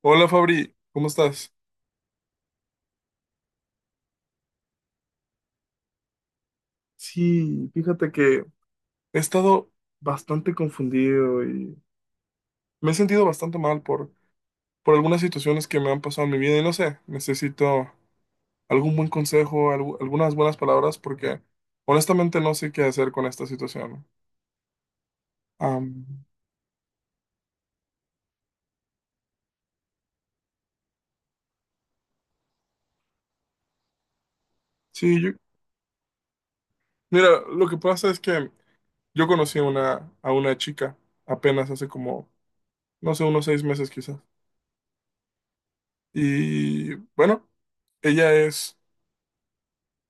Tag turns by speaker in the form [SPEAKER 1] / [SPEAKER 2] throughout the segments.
[SPEAKER 1] Hola Fabri, ¿cómo estás? Sí, fíjate que he estado bastante confundido y me he sentido bastante mal por algunas situaciones que me han pasado en mi vida y no sé, necesito algún buen consejo, algunas buenas palabras porque honestamente no sé qué hacer con esta situación. Am, sí, mira, lo que pasa es que yo conocí a una chica apenas hace como, no sé, unos 6 meses quizás. Y bueno, ella es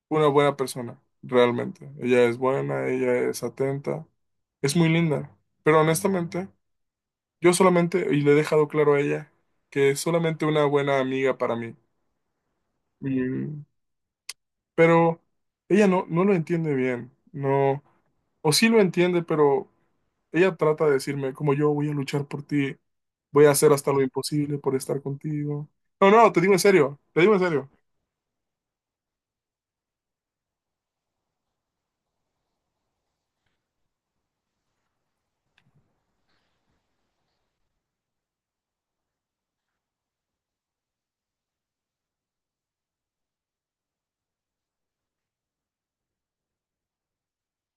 [SPEAKER 1] una buena persona, realmente. Ella es buena, ella es atenta, es muy linda. Pero honestamente, yo solamente, y le he dejado claro a ella, que es solamente una buena amiga para mí. Mm, pero ella no, no lo entiende bien, no, o sí lo entiende, pero ella trata de decirme, como yo voy a luchar por ti, voy a hacer hasta lo imposible por estar contigo. No, no, te digo en serio, te digo en serio.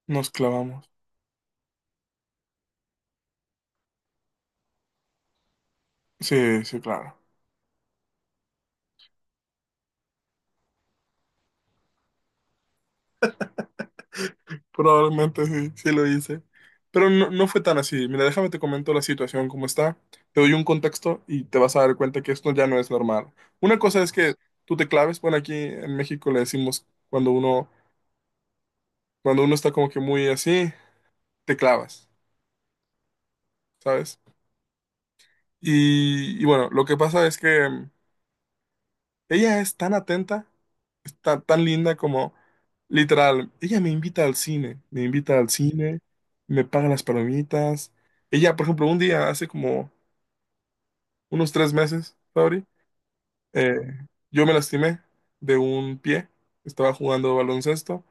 [SPEAKER 1] Nos clavamos. Sí, sí, claro. Probablemente sí, sí lo hice. Pero no, no fue tan así. Mira, déjame te comento la situación como está. Te doy un contexto y te vas a dar cuenta que esto ya no es normal. Una cosa es que tú te claves. Bueno, aquí en México le decimos cuando uno está como que muy así, te clavas, ¿sabes? Y bueno, lo que pasa es que ella es tan atenta, es tan, tan linda como literal. Ella me invita al cine, me invita al cine, me paga las palomitas. Ella, por ejemplo, un día hace como unos 3 meses, Fabri. Eh, yo me lastimé de un pie, estaba jugando baloncesto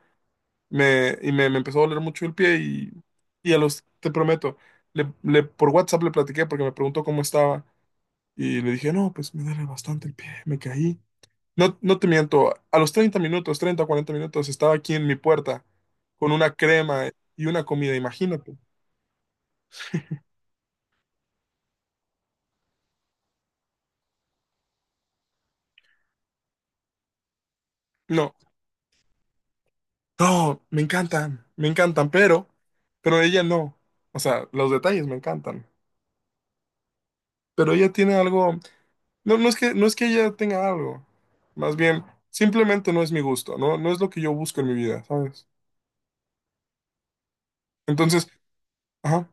[SPEAKER 1] me empezó a doler mucho el pie y a los, te prometo, por WhatsApp le platiqué porque me preguntó cómo estaba y le dije, no, pues me duele bastante el pie, me caí. No, no te miento, a los 30 minutos, 30 o 40 minutos, estaba aquí en mi puerta con una crema y una comida, imagínate. No, no, me encantan, pero ella no. O sea, los detalles me encantan. Pero ella tiene algo, no, no es que, no es que ella tenga algo, más bien, simplemente no es mi gusto, no, no es lo que yo busco en mi vida, ¿sabes? Entonces, ajá,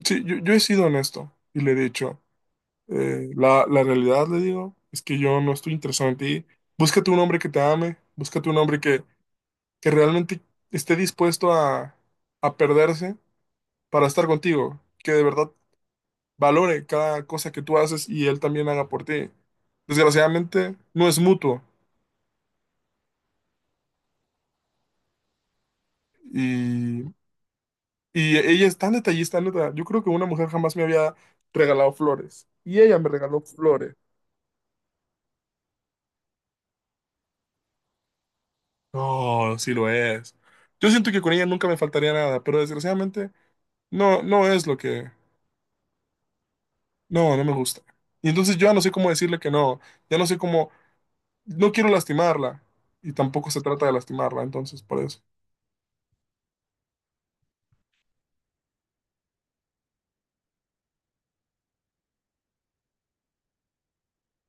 [SPEAKER 1] sí, yo he sido honesto y le he dicho, la, la realidad, le digo, es que yo no estoy interesado en ti, búscate un hombre que te ame, búscate un hombre que realmente esté dispuesto a perderse para estar contigo, que de verdad valore cada cosa que tú haces y él también haga por ti. Desgraciadamente, no es mutuo. Y Y ella es tan detallista, neta. Yo creo que una mujer jamás me había regalado flores. Y ella me regaló flores. No, sí lo es. Yo siento que con ella nunca me faltaría nada, pero desgraciadamente no, no es lo que… No, no me gusta. Y entonces yo ya no sé cómo decirle que no. Ya no sé cómo… No quiero lastimarla. Y tampoco se trata de lastimarla, entonces por eso.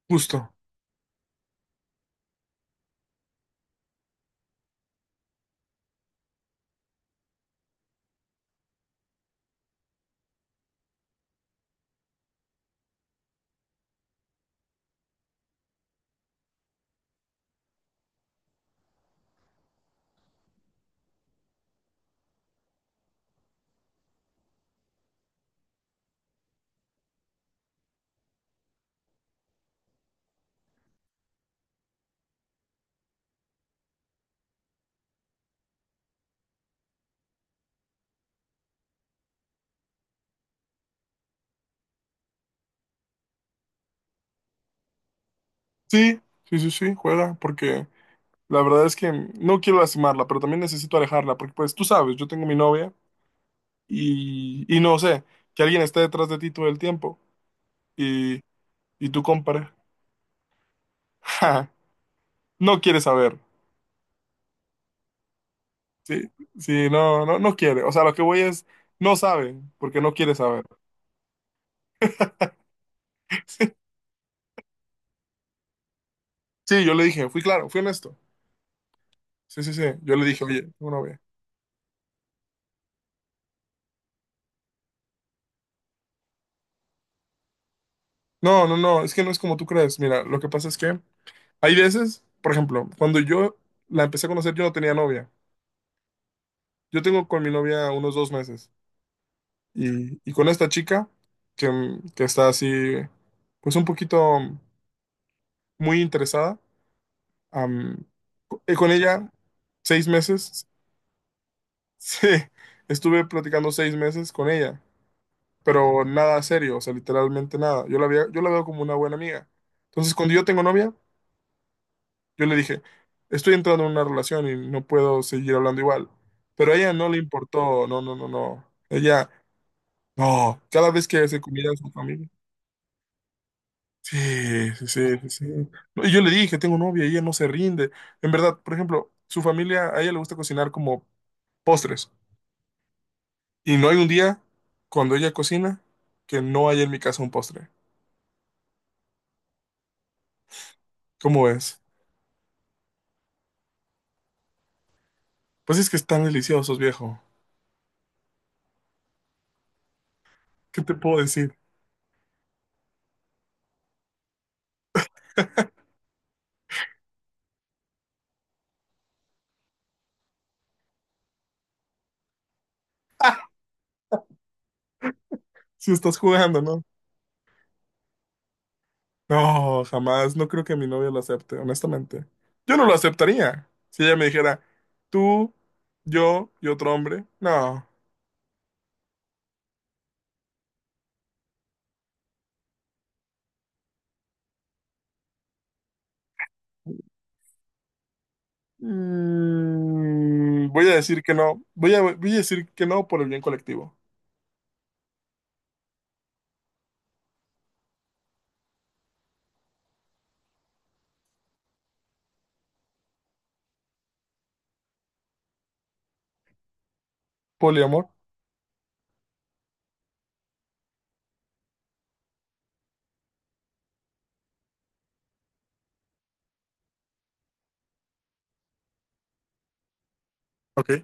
[SPEAKER 1] Justo. Sí, sí, sí, sí, juega, porque la verdad es que no quiero lastimarla, pero también necesito alejarla, porque pues tú sabes, yo tengo mi novia. Y no sé, que alguien esté detrás de ti todo el tiempo y, y tú compares no quiere saber. Sí, sí, no, no, no quiere. O sea, lo que voy es, no sabe, porque no quiere saber. Sí, yo le dije, fui claro, fui honesto. Sí, sí, sí. Yo le dije, oye, tengo novia. No, no, no, es que no es como tú crees. Mira, lo que pasa es que hay veces, por ejemplo, cuando yo la empecé a conocer, yo no tenía novia. Yo tengo con mi novia unos 2 meses. Y con esta chica, que, que está así, pues un poquito muy interesada, am, con ella 6 meses, sí, estuve platicando 6 meses con ella, pero nada serio, o sea, literalmente nada. Yo la veo como una buena amiga. Entonces, cuando yo tengo novia, yo le dije, estoy entrando en una relación y no puedo seguir hablando igual. Pero a ella no le importó, no, no, no, no. Ella, no, cada vez que se comía a su familia. Sí, sí, sí, sí. sí. No, y yo le dije, tengo novia y ella no se rinde. En verdad, por ejemplo, su familia, a ella le gusta cocinar como postres. Y no hay un día cuando ella cocina que no haya en mi casa un postre. ¿Cómo es? Pues es que están deliciosos, viejo. ¿Qué te puedo decir? Si estás jugando, ¿no? No, jamás. No creo que mi novia lo acepte, honestamente. Yo no lo aceptaría. Si ella me dijera, tú, yo y otro hombre. No. Mm, voy a decir que no. Voy a decir que no por el bien colectivo. Poliamor. Ok.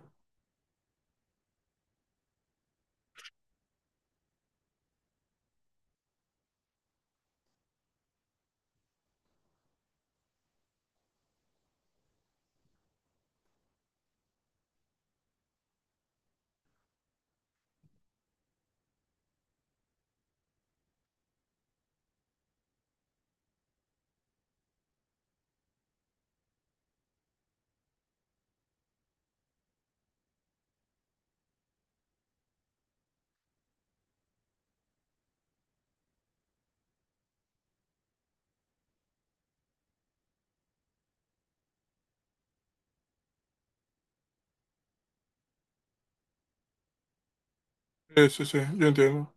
[SPEAKER 1] Sí, sí, sí, yo entiendo.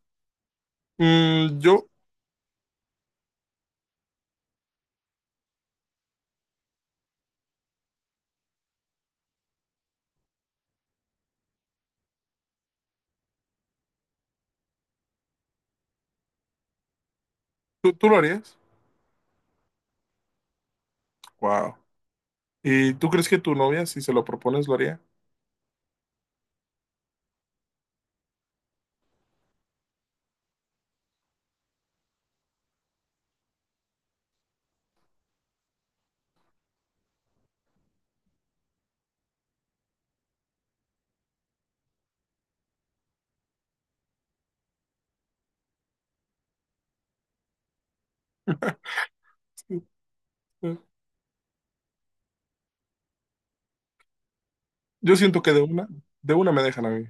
[SPEAKER 1] Mm, yo, tú lo harías? Wow. ¿Y tú crees que tu novia, si se lo propones, lo haría? Sí, sí. Yo siento que de una me dejan a mí.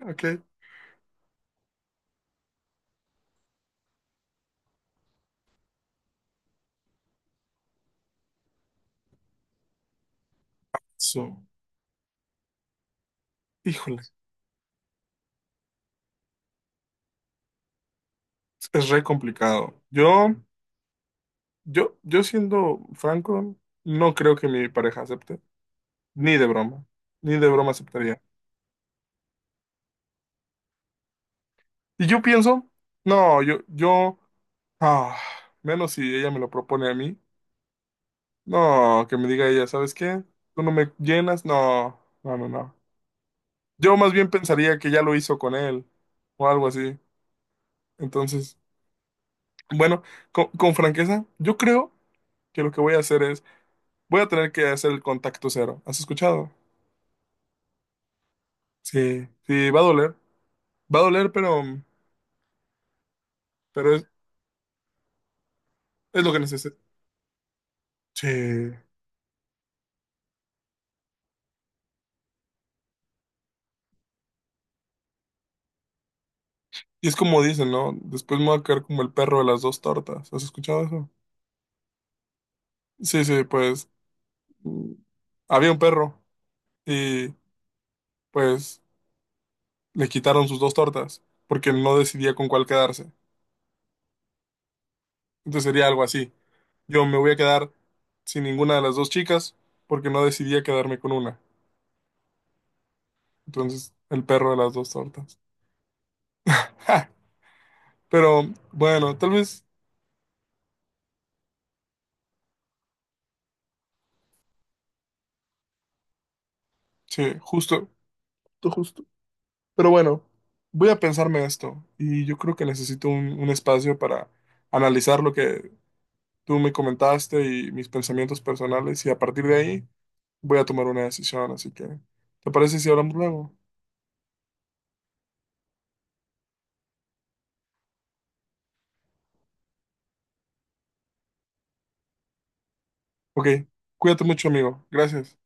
[SPEAKER 1] Ok. So, híjole, es re complicado. Yo siendo franco, no creo que mi pareja acepte. Ni de broma. Ni de broma aceptaría. Y yo pienso, no, yo, yo. Ah, menos si ella me lo propone a mí. No, que me diga ella, ¿sabes qué? ¿Tú no me llenas? No, no, no, no. Yo más bien pensaría que ya lo hizo con él o algo así. Entonces, bueno, con franqueza, yo creo que lo que voy a hacer es, voy a tener que hacer el contacto cero. ¿Has escuchado? Sí, sí, va a doler. Va a doler, pero es lo que necesito. Sí. Y es como dicen, ¿no? Después me voy a caer como el perro de las dos tortas. ¿Has escuchado eso? Sí, sí, pues mm, había un perro. Y pues le quitaron sus dos tortas porque no decidía con cuál quedarse. Entonces sería algo así. Yo me voy a quedar sin ninguna de las dos chicas porque no decidía quedarme con una. Entonces el perro de las dos tortas. ¡Ja! Pero bueno, tal vez, sí, justo, justo, justo. Pero bueno, voy a pensarme esto y yo creo que necesito un espacio para analizar lo que tú me comentaste y mis pensamientos personales y a partir de ahí voy a tomar una decisión, así que, ¿te parece si hablamos luego? Ok, cuídate mucho, amigo. Gracias.